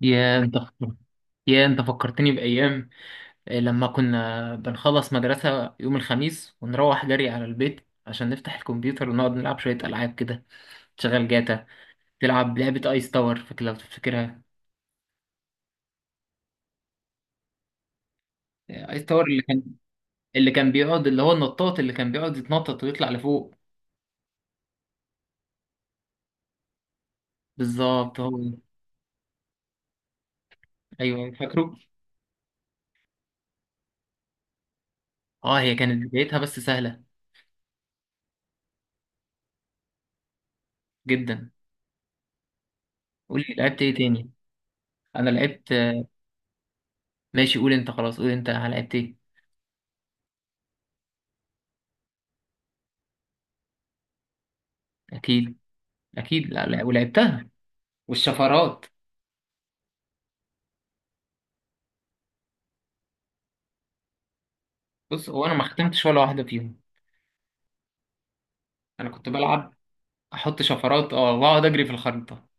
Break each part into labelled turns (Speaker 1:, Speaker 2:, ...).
Speaker 1: يا انت يا انت فكرتني بأيام. لما كنا بنخلص مدرسة يوم الخميس ونروح جري على البيت، عشان نفتح الكمبيوتر ونقعد نلعب شوية ألعاب كده. تشغل جاتا، تلعب لعبة ايس تاور. فاكر لو تفتكرها؟ ايس تاور اللي كان بيقعد، اللي هو النطاط اللي كان بيقعد يتنطط ويطلع لفوق. بالظبط هو ده. ايوه، فاكره. اه، هي كانت بدايتها بس سهلة جدا. قول لي، لعبت ايه تاني؟ انا لعبت. ماشي، قول انت، خلاص قول انت لعبت ايه. اكيد. اكيد، لا لا، ولعبتها، والشفرات. بص، هو انا ما ختمتش ولا واحده فيهم. انا كنت بلعب، احط شفرات واقعد اجري في الخريطه.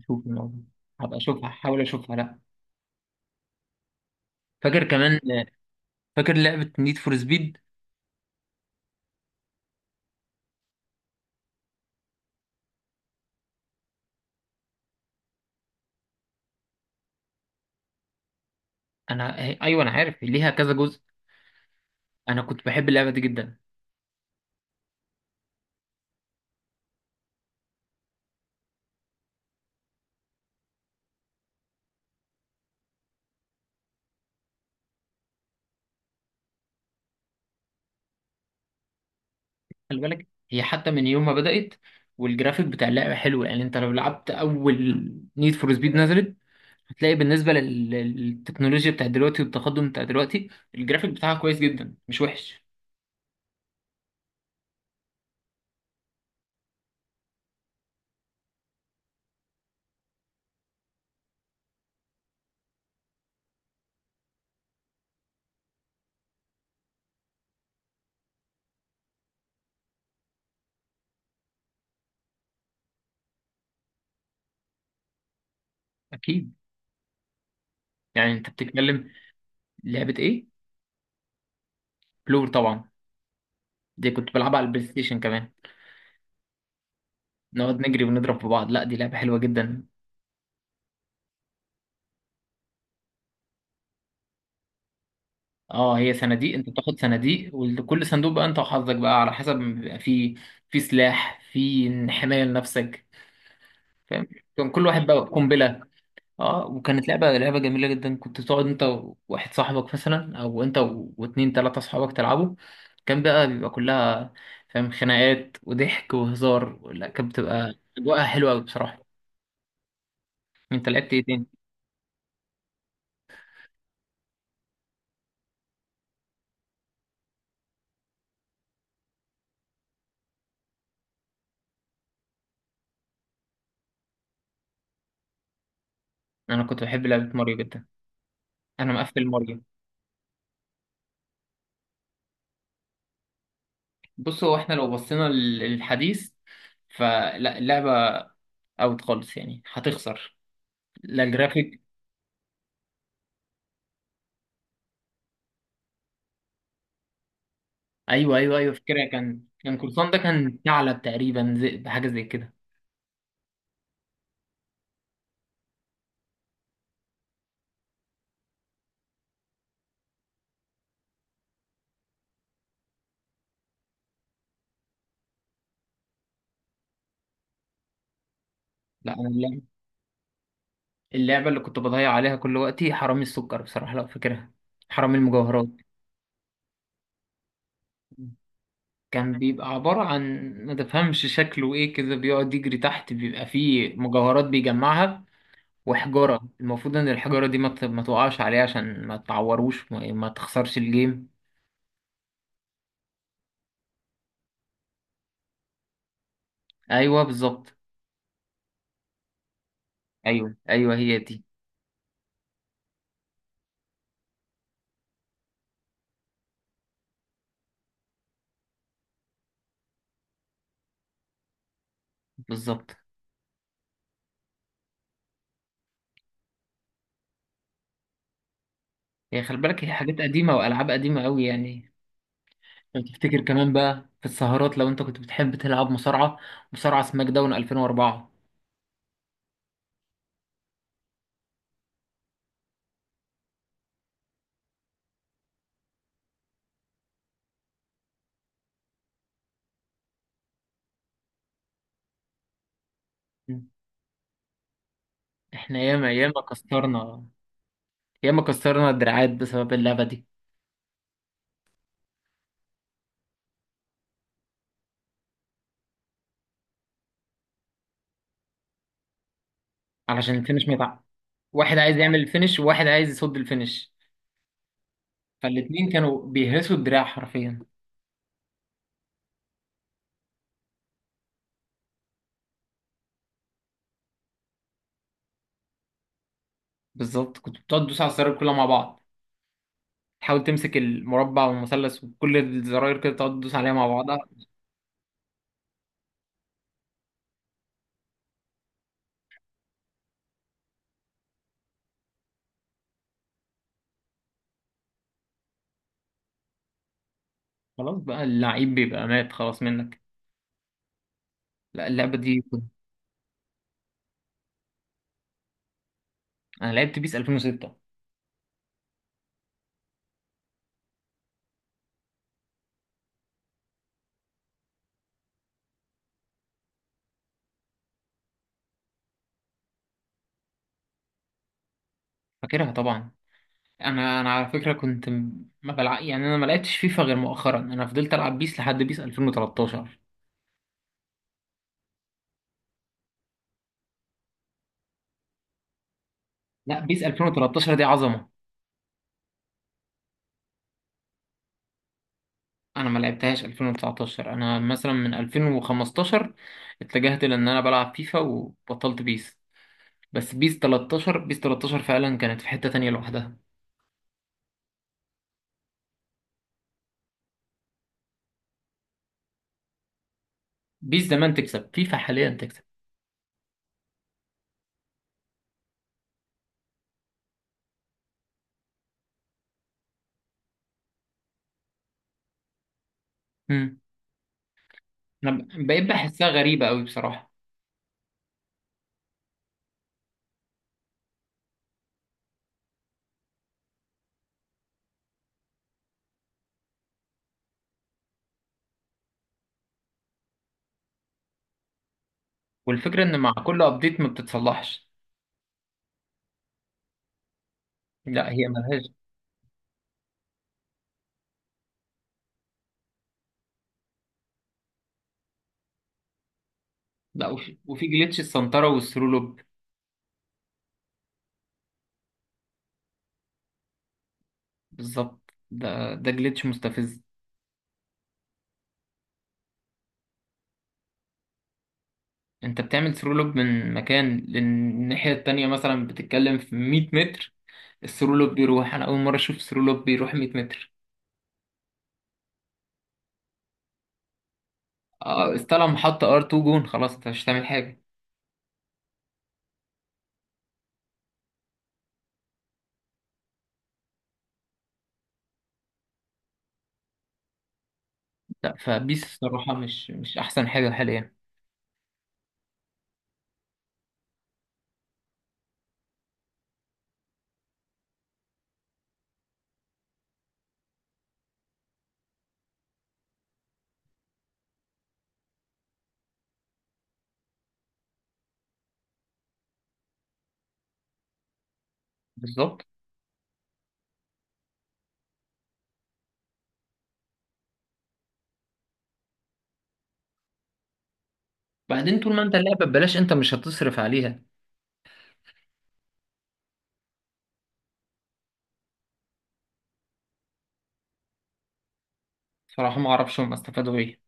Speaker 1: اشوف الموضوع. هبقى اشوفها، احاول اشوفها، لا. فاكر كمان؟ فاكر لعبه نيد فور سبيد؟ انا ايوه، انا عارف ليها كذا جزء. انا كنت بحب اللعبه دي جدا. خلي بالك، هي حتى من يوم ما بدات والجرافيك بتاع اللعبه حلو. يعني انت لو لعبت اول نيد فور سبيد نزلت، هتلاقي بالنسبه للتكنولوجيا بتاع دلوقتي والتقدم بتاع دلوقتي، الجرافيك بتاعها كويس جدا، مش وحش. اكيد. يعني انت بتتكلم. لعبة ايه؟ بلور طبعا، دي كنت بلعبها على البلاي ستيشن كمان. نقعد نجري ونضرب في بعض. لا دي لعبة حلوة جدا. اه، هي صناديق. انت بتاخد صناديق، وكل صندوق بقى انت وحظك بقى، على حسب ما بيبقى في. في سلاح، في حماية لنفسك. فاهم. كان كل واحد بقى قنبلة. اه، وكانت لعبة جميلة جدا. كنت تقعد انت وواحد صاحبك مثلا، او انت واتنين تلاتة صحابك تلعبوا. كان بقى بيبقى كلها، فاهم، خناقات وضحك وهزار. لا كانت بتبقى اجواءها حلوة أوي بصراحة. انت لعبت ايه تاني؟ انا كنت بحب لعبة ماريو جدا. انا مقفل ماريو. بص، هو احنا لو بصينا للحديث، فلا اللعبة اوت خالص، يعني هتخسر. لا الجرافيك. ايوه ايوه ايوه، فاكرها. كان كورسان، ده كان ثعلب تقريبا، زي حاجة زي كده. لا انا اللعبة اللي كنت بضيع عليها كل وقتي، حرامي السكر، بصراحة، لو فاكرها. حرامي المجوهرات. كان بيبقى عبارة عن، ما تفهمش شكله ايه كده، بيقعد يجري تحت، بيبقى فيه مجوهرات بيجمعها. وحجارة، المفروض ان الحجارة دي ما تقعش عليه، عشان ما تعوروش، ما تخسرش الجيم. ايوه بالظبط. ايوه ايوه هي دي. بالظبط هي. خلي بالك، هي حاجات قديمة والعاب قديمة قوي يعني. لو تفتكر كمان، بقى في السهرات، لو انت كنت بتحب تلعب مصارعة، مصارعة سماك داون 2004. احنا ياما ياما كسرنا، ياما كسرنا الدراعات بسبب اللعبة دي. علشان الفينش ما يتع-. واحد عايز يعمل الفينش وواحد عايز يصد الفينش. فالاتنين كانوا بيهرسوا الدراع حرفيا. بالظبط، كنت بتقعد تدوس على الزراير كلها مع بعض، تحاول تمسك المربع والمثلث وكل الزراير كده، تقعد تدوس عليها مع بعضها. خلاص بقى، اللعيب بيبقى مات خلاص منك. لا اللعبة دي كنت. انا لعبت بيس 2006. فاكرها طبعا. انا على فكرة، كنت م- ما بلع... يعني انا ما لعبتش فيفا غير مؤخرا، انا فضلت العب بيس لحد بيس 2013. لا، بيس 2013 دي عظمة. انا ما لعبتهاش 2019، انا مثلا من 2015 اتجهت لان انا بلعب فيفا وبطلت بيس. بس بيس 13، بيس 13 فعلا كانت في حتة تانية لوحدها. بيس زمان تكسب، فيفا حاليا تكسب. امم انا بقيت بحسها غريبة قوي بصراحة. والفكرة ان مع كل ابديت ما بتتصلحش. لا هي ملهاش. لا، وفي جليتش السنترة والثرو لوب. بالظبط، ده جليتش مستفز. انت بتعمل ثرو لوب من مكان للناحية التانية، مثلا بتتكلم في 100 متر. الثرو لوب بيروح، انا اول مرة اشوف ثرو لوب بيروح 100 متر. اه، استلم، حط ار 2، جون، خلاص انت مش هتعمل حاجة. لا، فبيس الصراحة مش أحسن حاجة حاليا. بالظبط. بعدين طول ما أنت اللعبة ببلاش، أنت مش هتصرف عليها. صراحة، ما أعرفش هم استفادوا إيه.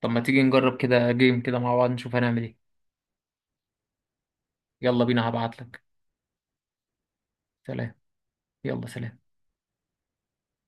Speaker 1: طب ما تيجي نجرب كده جيم كده مع بعض، نشوف هنعمل إيه. يلا بينا، هبعتلك. سلام. يلا سلام.